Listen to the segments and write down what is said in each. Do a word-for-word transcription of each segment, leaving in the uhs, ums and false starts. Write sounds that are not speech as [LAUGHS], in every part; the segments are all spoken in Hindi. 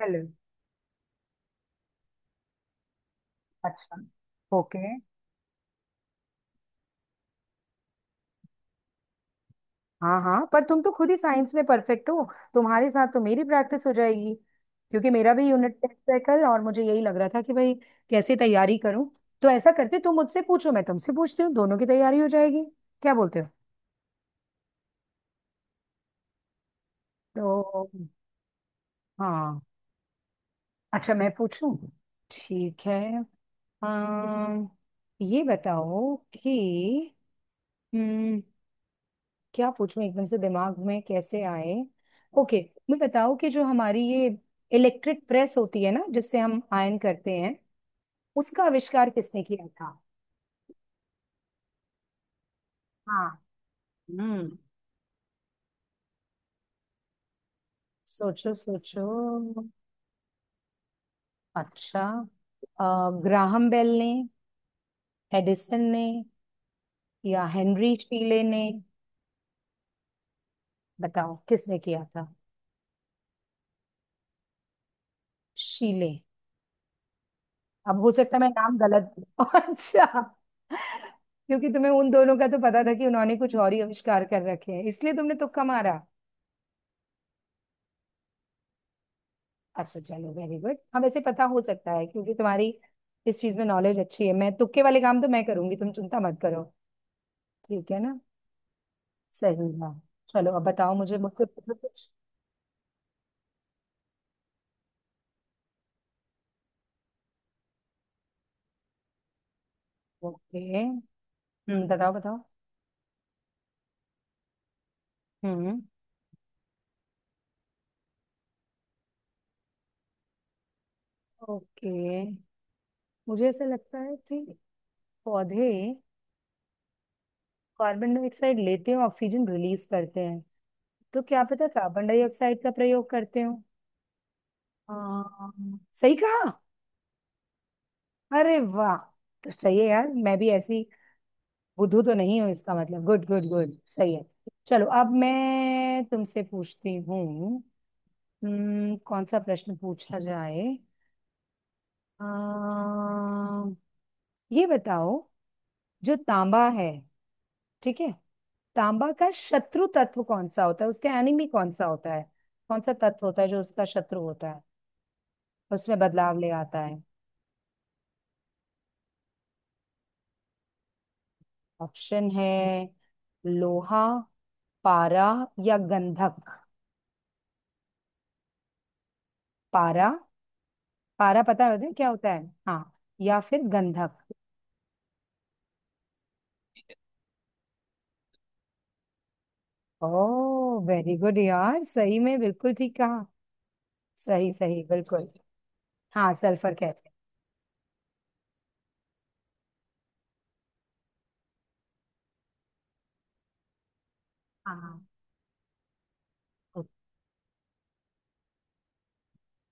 हेलो। अच्छा। ओके। हाँ हाँ, पर तुम तो खुद ही साइंस में परफेक्ट हो। तुम्हारे साथ तो मेरी प्रैक्टिस हो जाएगी। क्योंकि मेरा भी यूनिट टेस्ट है कल, और मुझे यही लग रहा था कि भाई कैसे तैयारी करूं। तो ऐसा करते, तुम मुझसे पूछो, मैं तुमसे पूछती हूँ, दोनों की तैयारी हो जाएगी। क्या बोलते हो? तो हाँ। अच्छा, मैं पूछूं? ठीक है। अम, ये बताओ कि हम्म, क्या पूछूं? एकदम से दिमाग में कैसे आए? ओके। मैं बताऊं कि जो हमारी ये इलेक्ट्रिक प्रेस होती है ना, जिससे हम आयन करते हैं, उसका आविष्कार किसने किया था? हाँ। हम्म। सोचो सोचो। अच्छा। अ, ग्राहम बेल ने, एडिसन ने, या हेनरी शीले ने? बताओ किसने किया था। शीले। अब हो सकता है मैं नाम गलत। [LAUGHS] अच्छा। क्योंकि तुम्हें उन दोनों का तो पता था कि उन्होंने कुछ और ही आविष्कार कर रखे हैं, इसलिए तुमने तुक्का मारा। अच्छा चलो, वेरी गुड। हम ऐसे पता हो सकता है, क्योंकि तुम्हारी इस चीज में नॉलेज अच्छी है। मैं तुक्के वाले काम तो मैं करूंगी, तुम चिंता मत करो। ठीक है ना? सही है। चलो अब बताओ मुझे, मुझसे पूछो कुछ। ओके। हम्म बताओ बताओ। हम्म। ओके। मुझे ऐसा लगता है कि पौधे कार्बन डाइऑक्साइड लेते हैं, ऑक्सीजन रिलीज करते हैं। तो क्या पता कार्बन डाइऑक्साइड का प्रयोग करते हो। हाँ सही कहा। अरे वाह। तो सही है यार, मैं भी ऐसी बुद्धू तो नहीं हूँ, इसका मतलब। Good good good. सही है। चलो अब मैं तुमसे पूछती हूँ। हम्म, कौन सा प्रश्न पूछा जाए? अम, ये बताओ, जो तांबा है, ठीक है। तांबा का शत्रु तत्व कौन सा होता है? उसका एनिमी कौन सा होता है? कौन सा तत्व होता है जो उसका शत्रु होता है, उसमें बदलाव ले आता है? ऑप्शन है, लोहा, पारा, या गंधक। पारा? पारा पता है होता है क्या होता है। हाँ। या फिर गंधक। ओ, वेरी गुड यार, सही में बिल्कुल ठीक कहा। सही सही बिल्कुल। हाँ सल्फर कहते हैं। हाँ।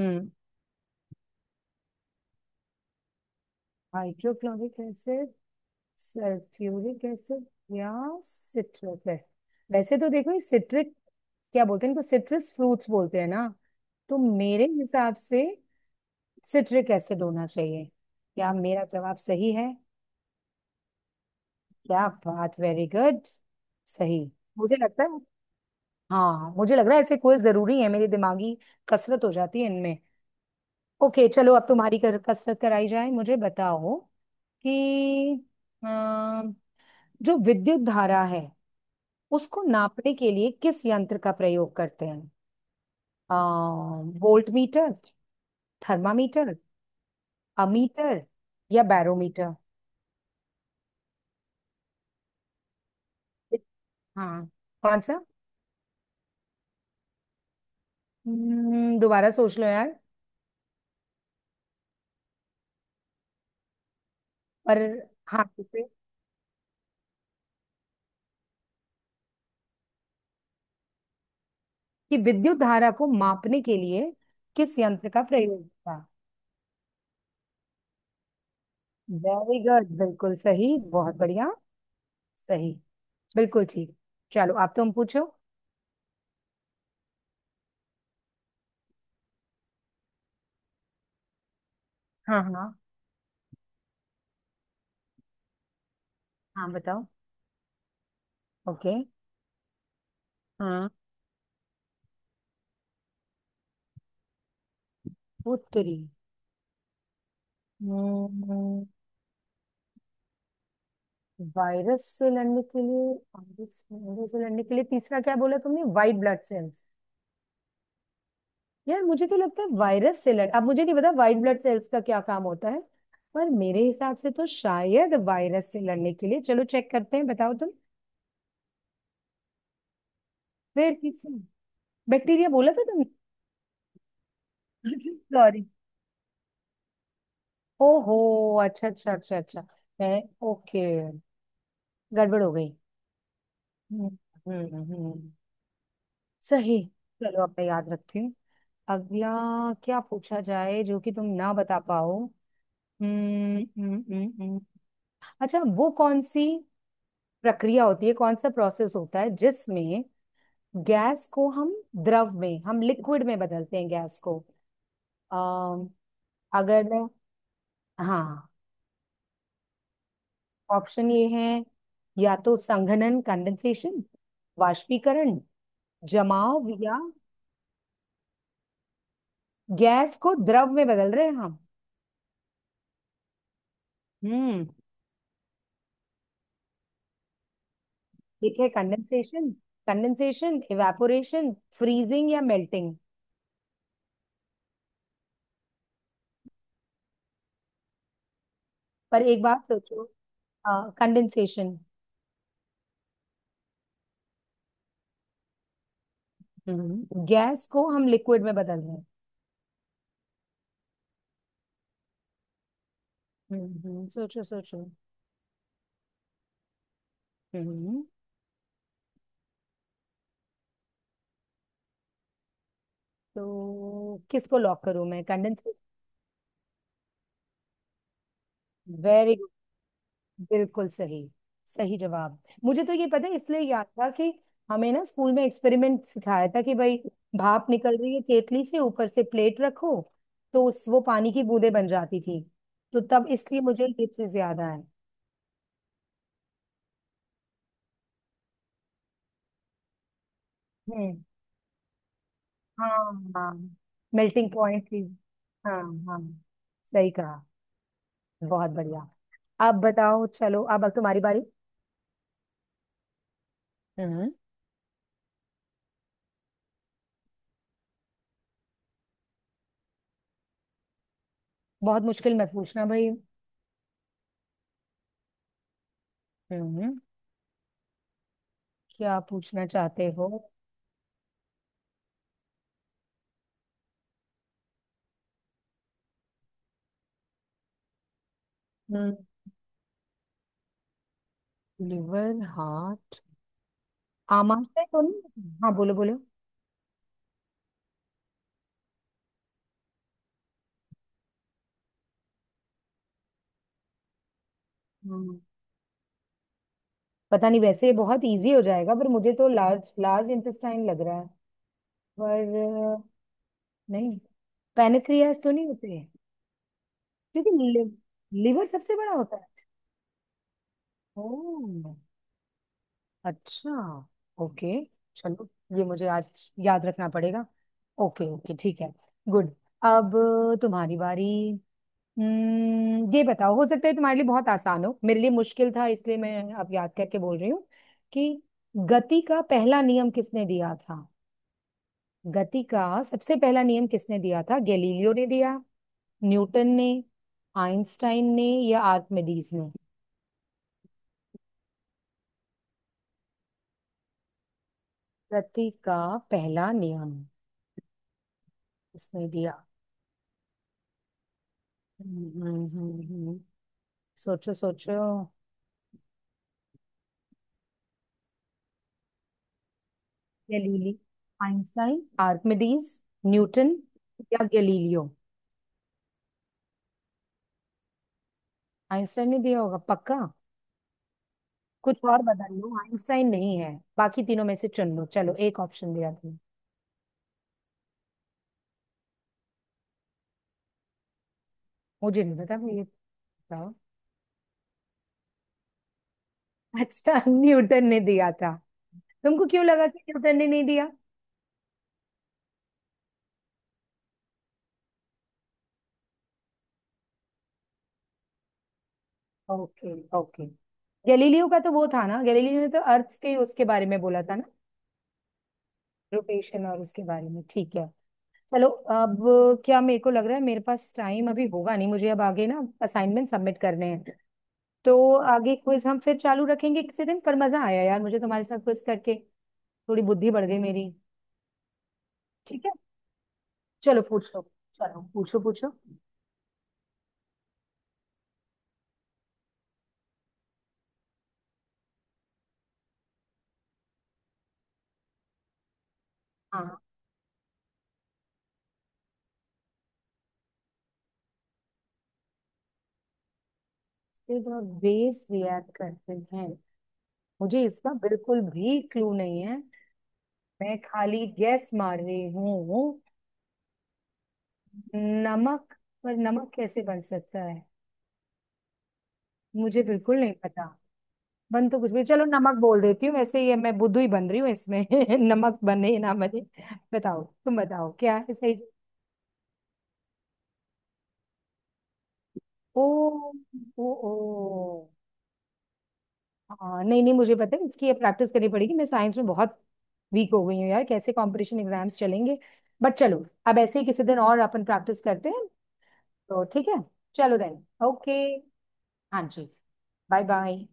हम्म। हाइड्रोक्लोरिक एसिड, सल्फ्यूरिक एसिड, या सिट्रिक एसिड। वैसे तो देखो, ये सिट्रिक, क्या बोलते हैं इनको, सिट्रस फ्रूट्स बोलते हैं ना। तो मेरे हिसाब से सिट्रिक एसिड होना चाहिए। क्या मेरा जवाब सही है? क्या बात, वेरी गुड। सही। मुझे लगता है हाँ, मुझे लग रहा है ऐसे, कोई जरूरी है मेरी दिमागी कसरत हो जाती है इनमें। ओके चलो, अब तुम्हारी कर, कसरत कराई जाए। मुझे बताओ कि अ, जो विद्युत धारा है, उसको नापने के लिए किस यंत्र का प्रयोग करते हैं? आ, वोल्ट मीटर, थर्मामीटर, अमीटर, या बैरोमीटर? हाँ, कौन सा? हम्म, दोबारा सोच लो यार। पर हाँ, जैसे कि विद्युत धारा को मापने के लिए किस यंत्र का प्रयोग था। वेरी गुड बिल्कुल सही, बहुत बढ़िया। सही, बिल्कुल ठीक। चलो आप, तुम पूछो। हाँ हाँ हाँ, बताओ। ओके। हाँ। उत्तरी। हम्म, वायरस से लड़ने के लिए, वायरस वायरस से लड़ने के लिए। तीसरा क्या बोला तुमने, वाइट ब्लड सेल्स? यार मुझे तो लगता है वायरस से लड़, अब मुझे नहीं पता व्हाइट ब्लड सेल्स का क्या काम होता है। पर मेरे हिसाब से तो शायद वायरस से लड़ने के लिए। चलो चेक करते हैं, बताओ तुम। फिर किसी। बैक्टीरिया बोला था तुमने? [LAUGHS] सॉरी। ओहो। अच्छा अच्छा अच्छा अच्छा। मैं। ओके। गड़बड़ हो गई। हम्म हम्म हम्म, हम्म। सही। चलो अब मैं याद रखती हूँ। अगला क्या पूछा जाए जो कि तुम ना बता पाओ। हम्म हम्म हम्म हम्म। अच्छा, वो कौन सी प्रक्रिया होती है, कौन सा प्रोसेस होता है जिसमें गैस को हम द्रव में, हम लिक्विड में बदलते हैं गैस को? अम, अगर मैं। हाँ। ऑप्शन ये है, या तो संघनन, कंडेंसेशन, वाष्पीकरण, जमाव, या गैस को द्रव में बदल रहे हैं हम। हम्म, ठीक है। कंडेंसेशन, कंडेंसेशन, इवेपोरेशन, फ्रीजिंग, या मेल्टिंग। पर एक बात सोचो। कंडेंसेशन। गैस को हम लिक्विड में बदल रहे हैं। हम्म। हम्म, सोचो सोचो। हम्म। तो किसको लॉक करूं मैं, कंडेंसर? वेरी गुड, बिल्कुल सही, सही जवाब। मुझे तो ये पता है, इसलिए याद था कि हमें ना स्कूल में एक्सपेरिमेंट सिखाया था कि भाई, भाप निकल रही है केतली से, ऊपर से प्लेट रखो, तो उस वो पानी की बूंदें बन जाती थी। तो तब इसलिए मुझे ये चीज याद आया। हम्म। हाँ हाँ। मेल्टिंग पॉइंट थी। हाँ हाँ, सही कहा। बहुत बढ़िया। अब बताओ, चलो अब अब तुम्हारी बारी। हम्म। बहुत मुश्किल मत पूछना भाई। हम्म। क्या पूछना चाहते हो? हम्म। लिवर, हार्ट, आमाशय तो नहीं, हाँ बोलो बोलो। हम्म। पता नहीं, वैसे ये बहुत इजी हो जाएगा, पर मुझे तो लार्ज, लार्ज इंटेस्टाइन लग रहा है। पर अ, नहीं, पैनक्रियास तो नहीं होते हैं, क्योंकि लिव, लिवर सबसे बड़ा होता है। ओ, अच्छा, ओके। चलो, ये मुझे आज याद रखना पड़ेगा। ओके ओके, ठीक है। गुड। अब तुम्हारी बारी। हम्म, ये बताओ, हो सकता है तुम्हारे लिए बहुत आसान हो, मेरे लिए मुश्किल था, इसलिए मैं अब याद करके बोल रही हूँ कि गति का पहला नियम किसने दिया था? गति का सबसे पहला नियम किसने दिया था? गैलीलियो ने दिया, न्यूटन ने, आइंस्टाइन ने, या आर्किमिडीज ने? गति का पहला नियम किसने दिया? हम्म, हम्म, हम्म, हम्म। सोचो सोचो। गैलीली आइंस्टाइन, आर्किमिडीज, न्यूटन, या गैलीलियो। आइंस्टाइन ने दिया होगा पक्का? कुछ और बता लो, आइंस्टाइन नहीं है। बाकी तीनों में से चुन लो। चलो, एक ऑप्शन दिया तुमने। मुझे नहीं पता, मैं ये। बताओ। अच्छा। [LAUGHS] न्यूटन ने दिया था। तुमको क्यों लगा कि न्यूटन ने नहीं दिया? Okay okay. गैलीलियो का तो वो था ना, गैलीलियो ने तो अर्थ के उसके बारे में बोला था ना, रोटेशन और उसके बारे में। ठीक है। चलो अब, क्या मेरे को लग रहा है, मेरे पास टाइम अभी होगा नहीं, मुझे अब आगे ना असाइनमेंट सबमिट करने हैं। तो आगे क्विज हम फिर चालू रखेंगे किसी दिन, पर मजा आया यार मुझे तुम्हारे साथ क्विज करके। थोड़ी बुद्धि बढ़ गई मेरी। ठीक है, चलो पूछ लो। चलो पूछो पूछो। हाँ। सिर्फ और बेस रिएक्ट करते हैं? मुझे इसका बिल्कुल भी क्लू नहीं है। मैं खाली गैस मार रही हूँ। नमक। पर नमक कैसे बन सकता है? मुझे बिल्कुल नहीं पता। बन तो कुछ भी, चलो नमक बोल देती हूँ, वैसे ये मैं बुद्धू ही बन रही हूँ इसमें। [LAUGHS] नमक बने ना बने, बताओ तुम, बताओ क्या है सही। ओ ओ ओ। हाँ नहीं नहीं, मुझे पता है, इसकी अब प्रैक्टिस करनी पड़ेगी, मैं साइंस में बहुत वीक हो गई हूँ यार। कैसे कंपटीशन एग्जाम्स चलेंगे? बट चलो, अब ऐसे ही किसी दिन और अपन प्रैक्टिस करते हैं। तो ठीक है। चलो, देन ओके। हाँ जी। Bye bye.